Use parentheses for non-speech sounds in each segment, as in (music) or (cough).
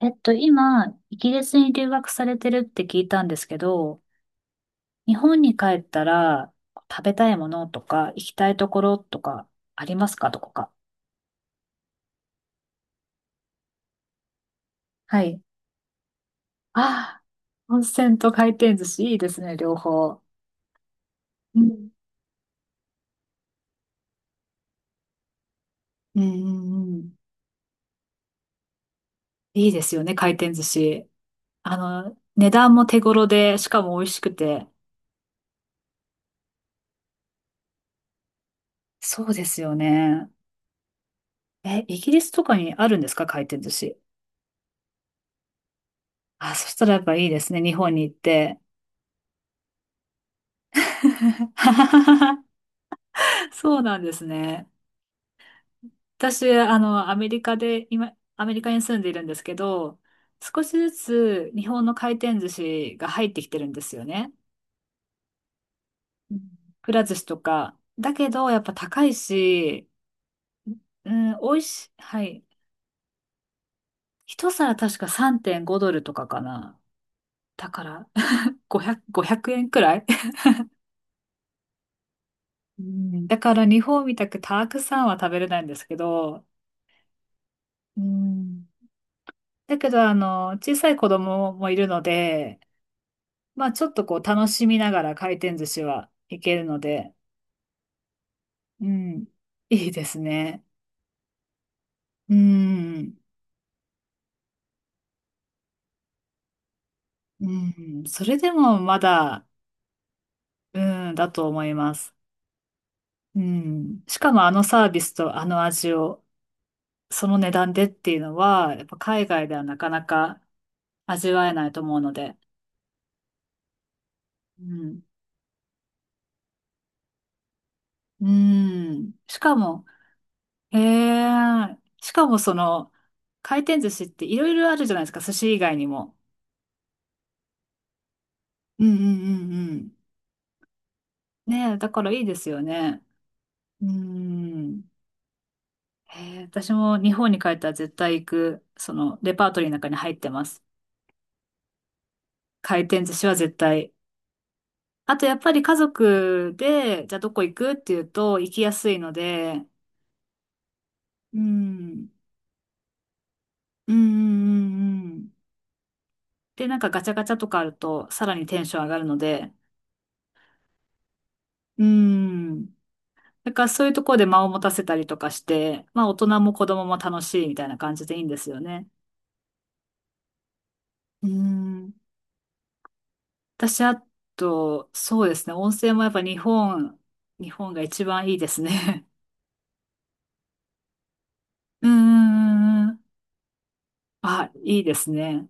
今、イギリスに留学されてるって聞いたんですけど、日本に帰ったら食べたいものとか行きたいところとかありますかどこか。はい。ああ、温泉と回転寿司いいですね、両方。うん。うんうんうん。いいですよね、回転寿司。あの、値段も手頃で、しかも美味しくて。そうですよね。え、イギリスとかにあるんですか回転寿司。あ、そしたらやっぱいいですね、日本に行って。(laughs) そうなんですね。私、あの、アメリカで、今、アメリカに住んでいるんですけど、少しずつ日本の回転寿司が入ってきてるんですよね。うんくら寿司とか。だけど、やっぱ高いし、うん、美味しい。はい。一皿確か3.5ドルとかかな。だから、(laughs) 500、5円くえんくらいうんだから日本みたくたくさんは食べれないんですけど、うんだけど、あの、小さい子供もいるので、まあちょっとこう楽しみながら回転寿司はいけるので、うん、いいですね。うん、うん、それでもまだ、うん、だと思います。うん、しかもあのサービスとあの味を、その値段でっていうのは、やっぱ海外ではなかなか味わえないと思うので、うん、うん、しかも、へえ、しかもその、回転寿司っていろいろあるじゃないですか、寿司以外にも。うんうんうんねえ、だからいいですよね。うーん。へえ、私も日本に帰ったら絶対行く、そのレパートリーの中に入ってます。回転寿司は絶対。あとやっぱり家族で、じゃあどこ行くっていうと行きやすいので、うん。うんうんうんうん。で、なんかガチャガチャとかあるとさらにテンション上がるので、うん。だからそういうところで間を持たせたりとかして、まあ大人も子供も楽しいみたいな感じでいいんですよね。うん。私、あと、そうですね。温泉もやっぱ日本、日本が一番いいですね。(laughs) うんんあ、いいですね。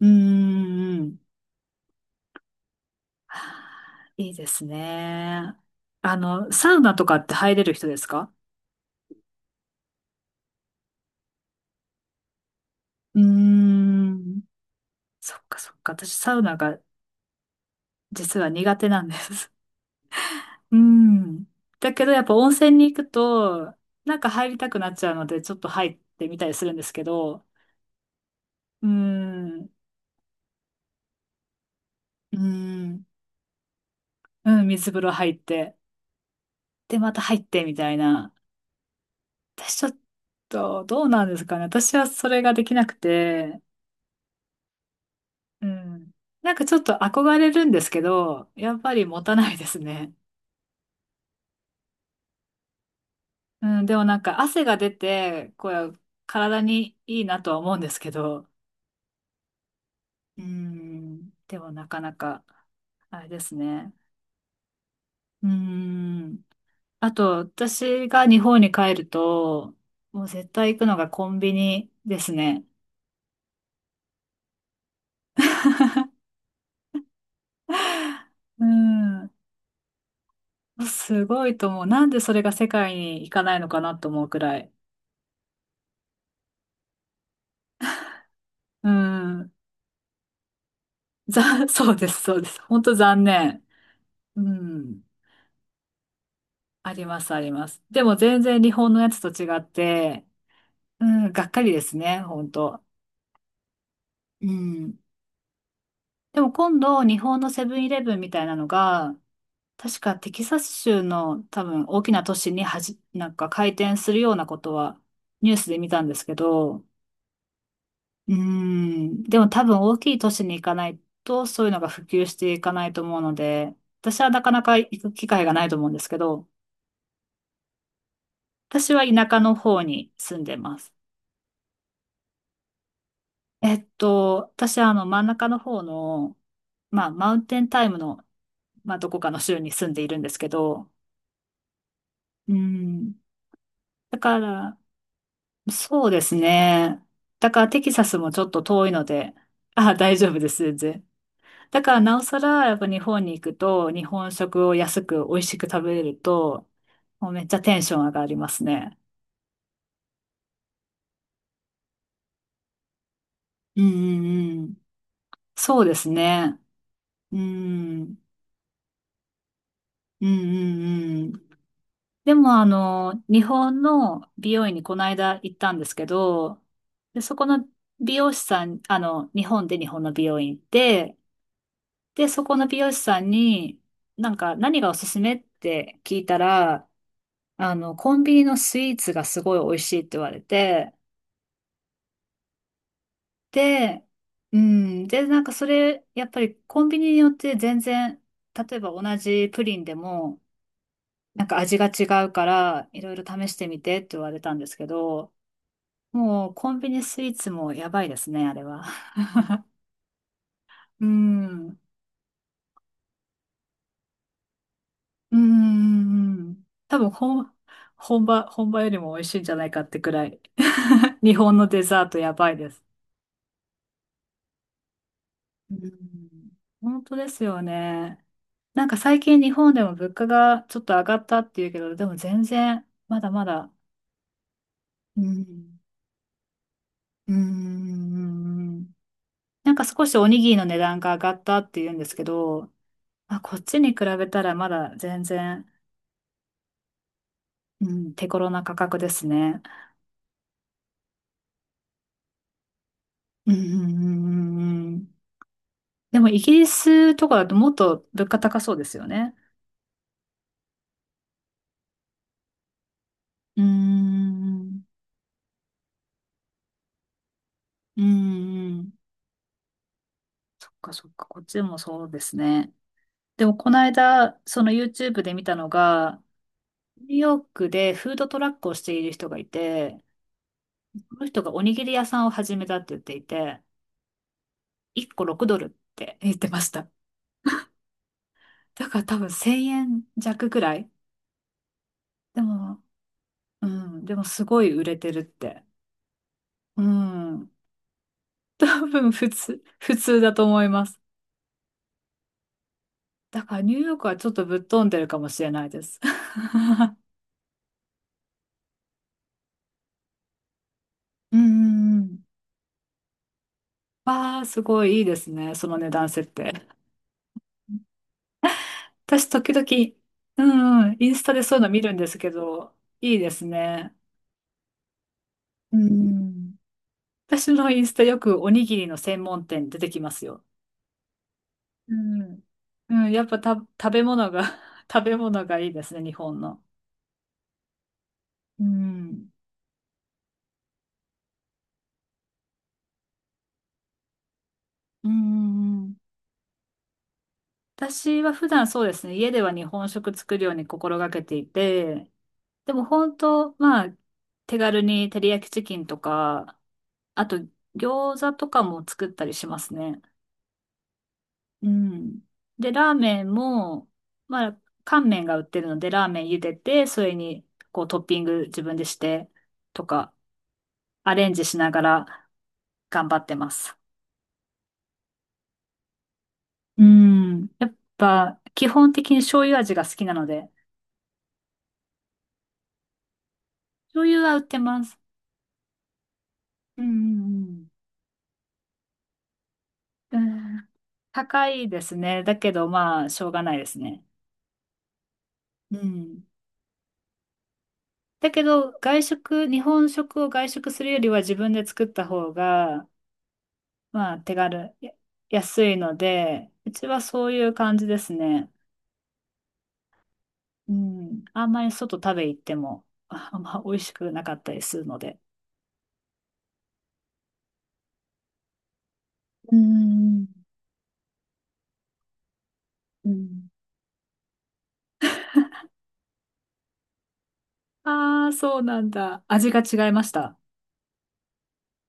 うんうんうん。いいですね。あの、サウナとかって入れる人ですかうーん。そっかそっか。私、サウナが実は苦手なんです。うん。だけど、やっぱ温泉に行くと、なんか入りたくなっちゃうので、ちょっと入ってみたりするんですけど、うーん。うーん。うん、水風呂入って、で、また入って、みたいな。私ちょっと、どうなんですかね。私はそれができなくて、うん。なんかちょっと憧れるんですけど、やっぱり持たないですね。うん、でもなんか汗が出て、こう、体にいいなとは思うんですけど、うん、でもなかなか、あれですね。うん。あと、私が日本に帰ると、もう絶対行くのがコンビニですね。うん。すごいと思う。なんでそれが世界に行かないのかなと思うくらい。うん。(laughs) そうです、そうです。本当残念。うん。あります、あります。でも全然日本のやつと違って、うん、がっかりですね、本当。うん。でも今度、日本のセブンイレブンみたいなのが、確かテキサス州の多分大きな都市になんか開店するようなことはニュースで見たんですけど、うん。でも多分大きい都市に行かないと、そういうのが普及していかないと思うので、私はなかなか行く機会がないと思うんですけど、私は田舎の方に住んでます。えっと、私はあの真ん中の方の、まあ、マウンテンタイムの、まあ、どこかの州に住んでいるんですけど、うん。だから、そうですね。だからテキサスもちょっと遠いので、あ、大丈夫です、全然。だからなおさら、やっぱ日本に行くと、日本食を安く美味しく食べれると、もうめっちゃテンション上がりますね。うんうんそうですね。うん。うん。うんうんうんうんでも、あの、日本の美容院にこの間行ったんですけど、で、そこの美容師さん、あの、日本で日本の美容院行って、で、そこの美容師さんに、なんか何がおすすめって聞いたら、あの、コンビニのスイーツがすごい美味しいって言われて、で、うん、で、なんかそれ、やっぱりコンビニによって全然、例えば同じプリンでも、なんか味が違うから、いろいろ試してみてって言われたんですけど、もうコンビニスイーツもやばいですね、あれは。(laughs) うん、うん、多分本、本場、本場よりも美味しいんじゃないかってくらい。(laughs) 日本のデザートやばいです。うん、本当ですよね。なんか最近日本でも物価がちょっと上がったっていうけど、でも全然まだまだ、うん、うーん、なんか少しおにぎりの値段が上がったっていうんですけど、まあ、こっちに比べたらまだ全然、うん、手頃な価格ですね。うん、うん、うんうんうんでもイギリスとかだともっと物価高そうですよね。うーん、うん、うんそっかそっか、こっちもそうですね。でもこの間、その YouTube で見たのが、ニューヨークでフードトラックをしている人がいて、その人がおにぎり屋さんを始めたって言っていて、1個6ドルって言ってました。だから多分1000円弱くらい。でも、うん、でもすごい売れてるって。うん、多分普通、普通だと思います。だからニューヨークはちょっとぶっ飛んでるかもしれないです。(laughs) うんうんうん。わあ、すごいいいですね、その値段設定。私時々、うんうん、インスタでそういうの見るんですけど、いいですね。うん。私のインスタよくおにぎりの専門店出てきますよ。うん。うん、やっぱた、食べ物が (laughs) 食べ物がいいですね、日本の。うん。うんうんうん私は普段そうですね、家では日本食作るように心がけていて、でも本当、まあ、手軽に照り焼きチキンとか、あと餃子とかも作ったりしますね。うん。で、ラーメンも、まあ、乾麺が売ってるので、ラーメン茹でて、それに、こう、トッピング自分でして、とか、アレンジしながら頑張ってます。うん。やっぱ、基本的に醤油味が好きなので、醤油は売ってます。うんうんうん。うん高いですね。だけど、まあ、しょうがないですね。うん。だけど、外食、日本食を外食するよりは自分で作った方が、まあ、手軽、安いので、うちはそういう感じですね。うん。あんまり外食べ行っても、ああんま美味しくなかったりするので。うん。うん。ああ、そうなんだ。味が違いました。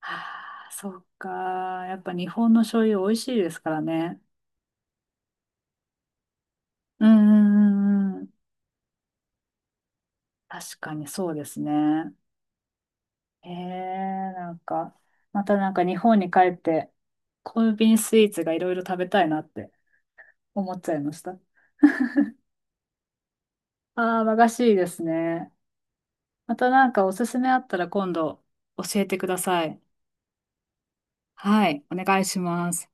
ああ、そっか。やっぱ日本の醤油美味しいですからね。うんうんうんうん。確かにそうですね。ええ、なんか、またなんか日本に帰って、コンビニスイーツがいろいろ食べたいなって思っちゃいました。(laughs) ああ、和菓子いいですね。またなんかおすすめあったら今度教えてください。はい、お願いします。